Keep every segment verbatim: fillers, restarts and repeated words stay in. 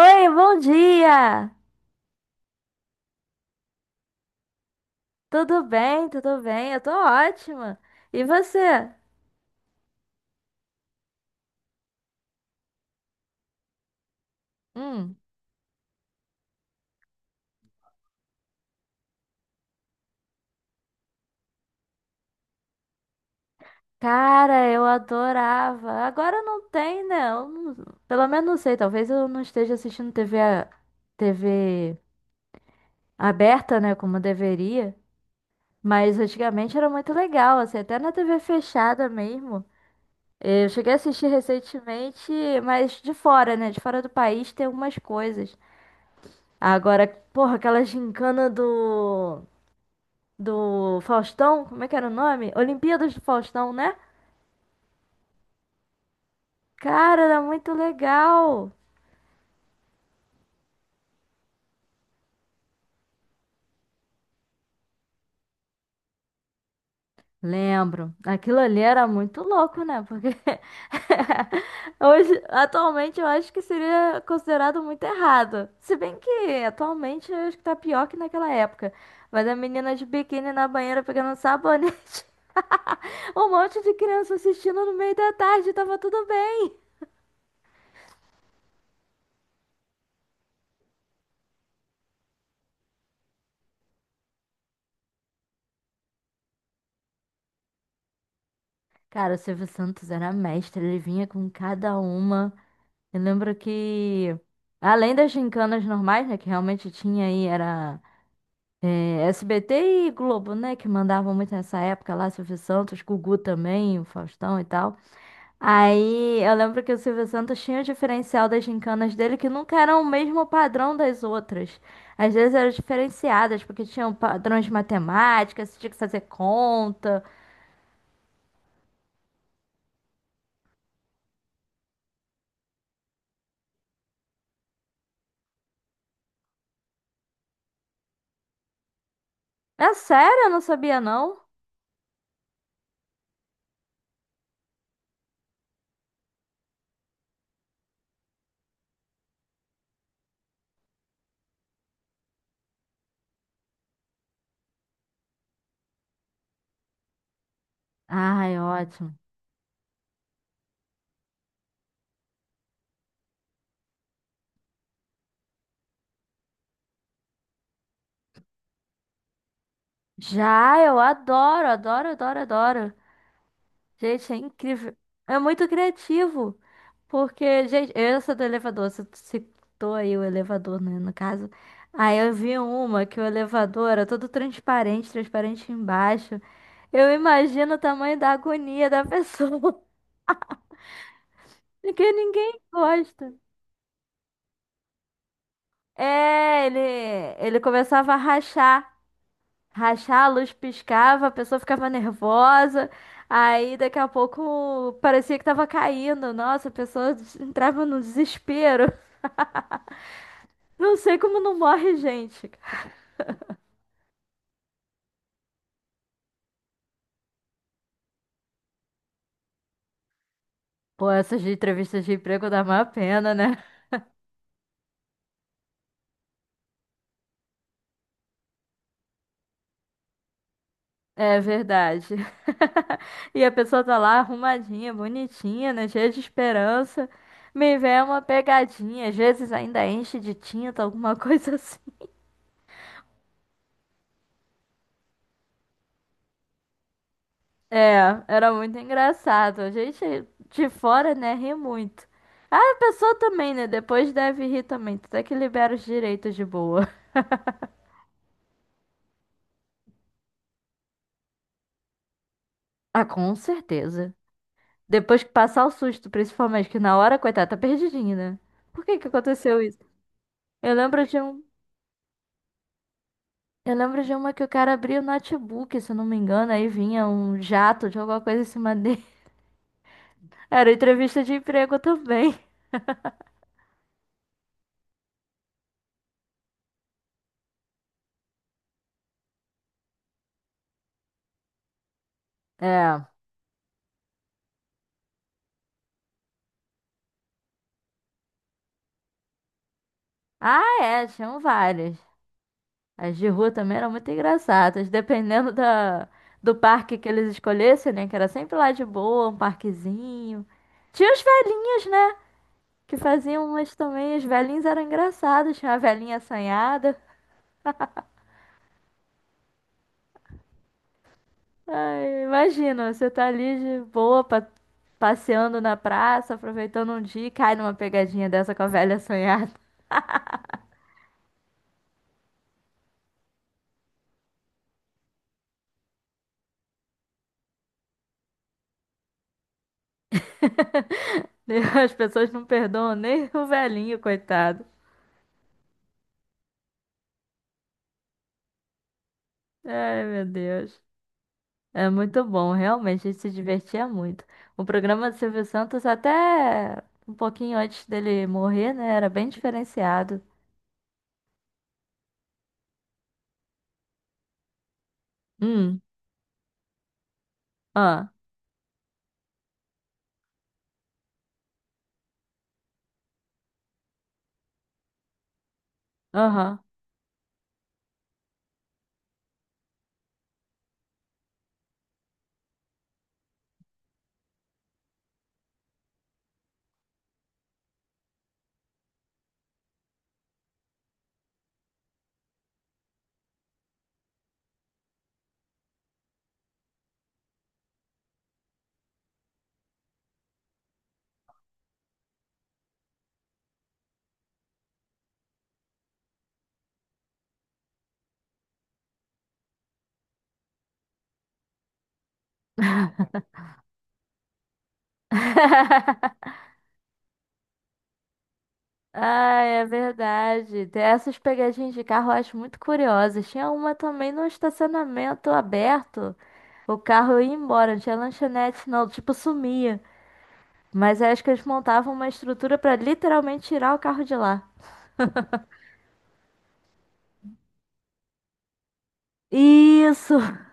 Oi, bom dia! Tudo bem, tudo bem? Eu tô ótima. E você? Hum, cara, eu adorava. Agora não tem, né? Eu não- pelo menos não sei, talvez eu não esteja assistindo T V, a- T V aberta, né, como deveria. Mas antigamente era muito legal, assim, até na T V fechada mesmo. Eu cheguei a assistir recentemente, mas de fora, né? De fora do país tem algumas coisas. Agora, porra, aquela gincana do do Faustão, como é que era o nome? Olimpíadas do Faustão, né? Cara, era muito legal. Lembro. Aquilo ali era muito louco, né? Porque hoje, atualmente, eu acho que seria considerado muito errado. Se bem que atualmente eu acho que tá pior que naquela época. Mas a menina de biquíni na banheira pegando um sabonete. Um monte de criança assistindo no meio da tarde, tava tudo bem. Cara, o Silvio Santos era mestre, ele vinha com cada uma. Eu lembro que, além das gincanas normais, né, que realmente tinha aí, era é, S B T e Globo, né, que mandavam muito nessa época lá, Silvio Santos, Gugu também, o Faustão e tal. Aí eu lembro que o Silvio Santos tinha o diferencial das gincanas dele, que nunca eram o mesmo padrão das outras. Às vezes eram diferenciadas, porque tinham padrões de matemática, você tinha que fazer conta. É sério, eu não sabia não. Ai, ótimo. Já, eu adoro, adoro, adoro, adoro. Gente, é incrível. É muito criativo. Porque, gente, essa do elevador, você citou aí o elevador, né, no caso. Aí eu vi uma que o elevador era todo transparente, transparente embaixo. Eu imagino o tamanho da agonia da pessoa, que ninguém gosta. É, ele, ele começava a rachar. Rachar, a luz piscava, a pessoa ficava nervosa. Aí daqui a pouco parecia que tava caindo. Nossa, a pessoa des- entrava no desespero. Não sei como não morre, gente. Pô, essas de entrevistas de emprego dá uma pena, né? É verdade. E a pessoa tá lá arrumadinha, bonitinha, né? Cheia de esperança. Me vem uma pegadinha, às vezes ainda enche de tinta, alguma coisa assim. É, era muito engraçado. A gente de fora, né, ri muito. Ah, a pessoa também, né? Depois deve rir também. Até que libera os direitos de boa. Ah, com certeza. Depois que passar o susto, principalmente, que na hora, coitada, tá perdidinha, né? Por que que aconteceu isso? Eu lembro de um. Eu lembro de uma que o cara abria o notebook, se eu não me engano, aí vinha um jato de alguma coisa em cima dele. Era entrevista de emprego também. É. Ah, é, tinham várias. As de rua também eram muito engraçadas, dependendo da, do parque que eles escolhessem, né? Que era sempre lá de boa, um parquezinho. Tinha os velhinhos, né? Que faziam umas também. Os velhinhos eram engraçados, tinha uma velhinha assanhada. Ai, imagina, você tá ali de boa, pa- passeando na praça, aproveitando um dia e cai numa pegadinha dessa com a velha assanhada. As pessoas não perdoam nem o velhinho, coitado. Ai, meu Deus. É muito bom, realmente, a gente se divertia muito. O programa do Silvio Santos, até um pouquinho antes dele morrer, né? Era bem diferenciado. Hum, ah, aham. Ai, é verdade. Tem essas pegadinhas de carro eu acho muito curiosas. Tinha uma também no estacionamento aberto. O carro ia embora, não tinha lanchonete, não, tipo, sumia. Mas acho que eles montavam uma estrutura pra literalmente tirar o carro de lá. Isso!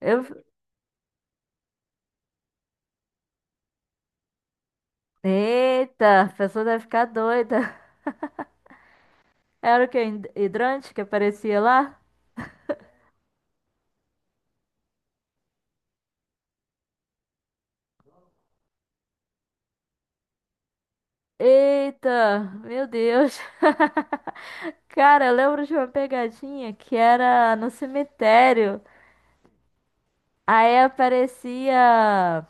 Eu, eita, a pessoa deve ficar doida. Era o que? Hidrante que aparecia lá? Eita, meu Deus. Cara, eu lembro de uma pegadinha que era no cemitério. Aí aparecia.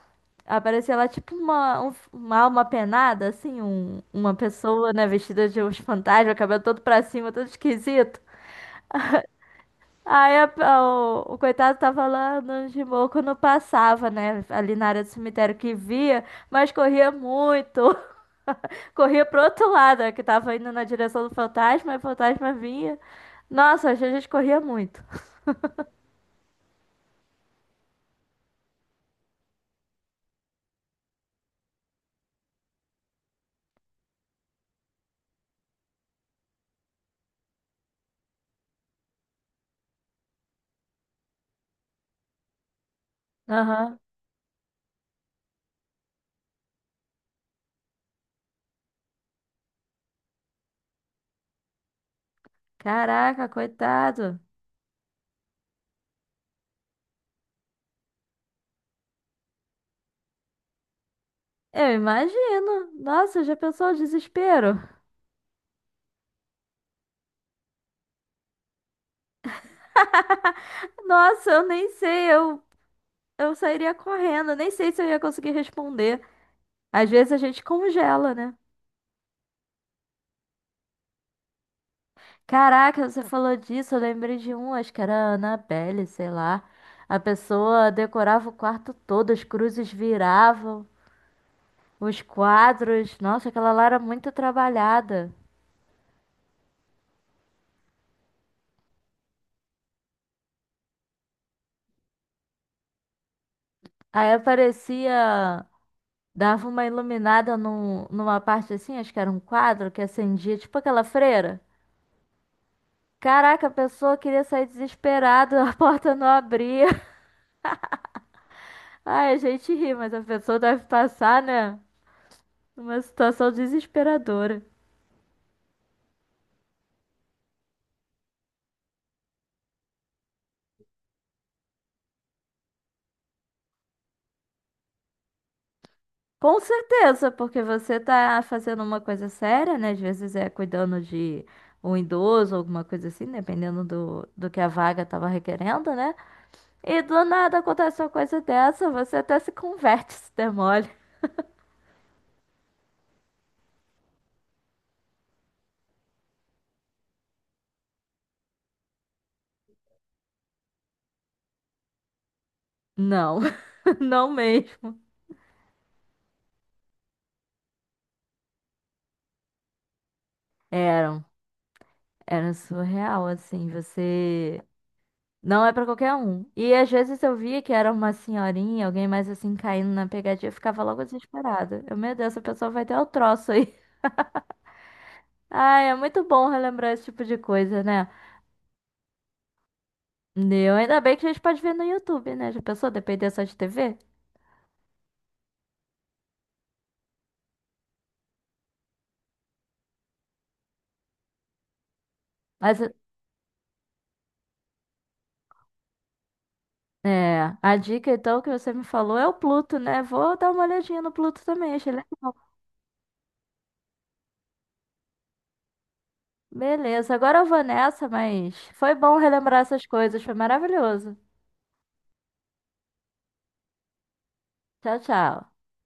Aparecia lá tipo uma, um- uma alma penada, assim, um- uma pessoa, né, vestida de uns fantasmas, cabelo todo pra cima, todo esquisito. Aí a- a- o, o coitado tava lá no de quando passava, né? Ali na área do cemitério que via, mas corria muito. Corria pro outro lado, né, que tava indo na direção do fantasma, e o fantasma vinha. Nossa, a gente corria muito. Aham. Caraca, coitado. Eu imagino. Nossa, já pensou o desespero? Nossa, eu nem sei, eu, eu sairia correndo, nem sei se eu ia conseguir responder. Às vezes a gente congela, né? Caraca, você falou disso, eu lembrei de um, acho que era a Annabelle, sei lá. A pessoa decorava o quarto todo, as cruzes viravam, os quadros. Nossa, aquela lá era muito trabalhada. Aí aparecia, dava uma iluminada num, numa parte assim, acho que era um quadro que acendia, tipo aquela freira. Caraca, a pessoa queria sair desesperada, a porta não abria. Ai, a gente ri, mas a pessoa deve passar, né? Uma situação desesperadora. Com certeza, porque você tá fazendo uma coisa séria, né? Às vezes é cuidando de um idoso, alguma coisa assim, dependendo do, do que a vaga tava requerendo, né? E do nada acontece uma coisa dessa, você até se converte, se der mole. Não, não mesmo. Eram, era surreal, assim, você. Não é pra qualquer um. E às vezes eu via que era uma senhorinha, alguém mais assim, caindo na pegadinha, eu ficava logo desesperada. Eu, meu Deus, essa pessoa vai ter o troço aí. Ai, é muito bom relembrar esse tipo de coisa, né? Eu, ainda bem que a gente pode ver no YouTube, né? Já pensou depender só de T V? Mas é, a dica então que você me falou é o Pluto, né? Vou dar uma olhadinha no Pluto também, achei legal. Beleza, agora eu vou nessa, mas foi bom relembrar essas coisas, foi maravilhoso. Tchau, tchau.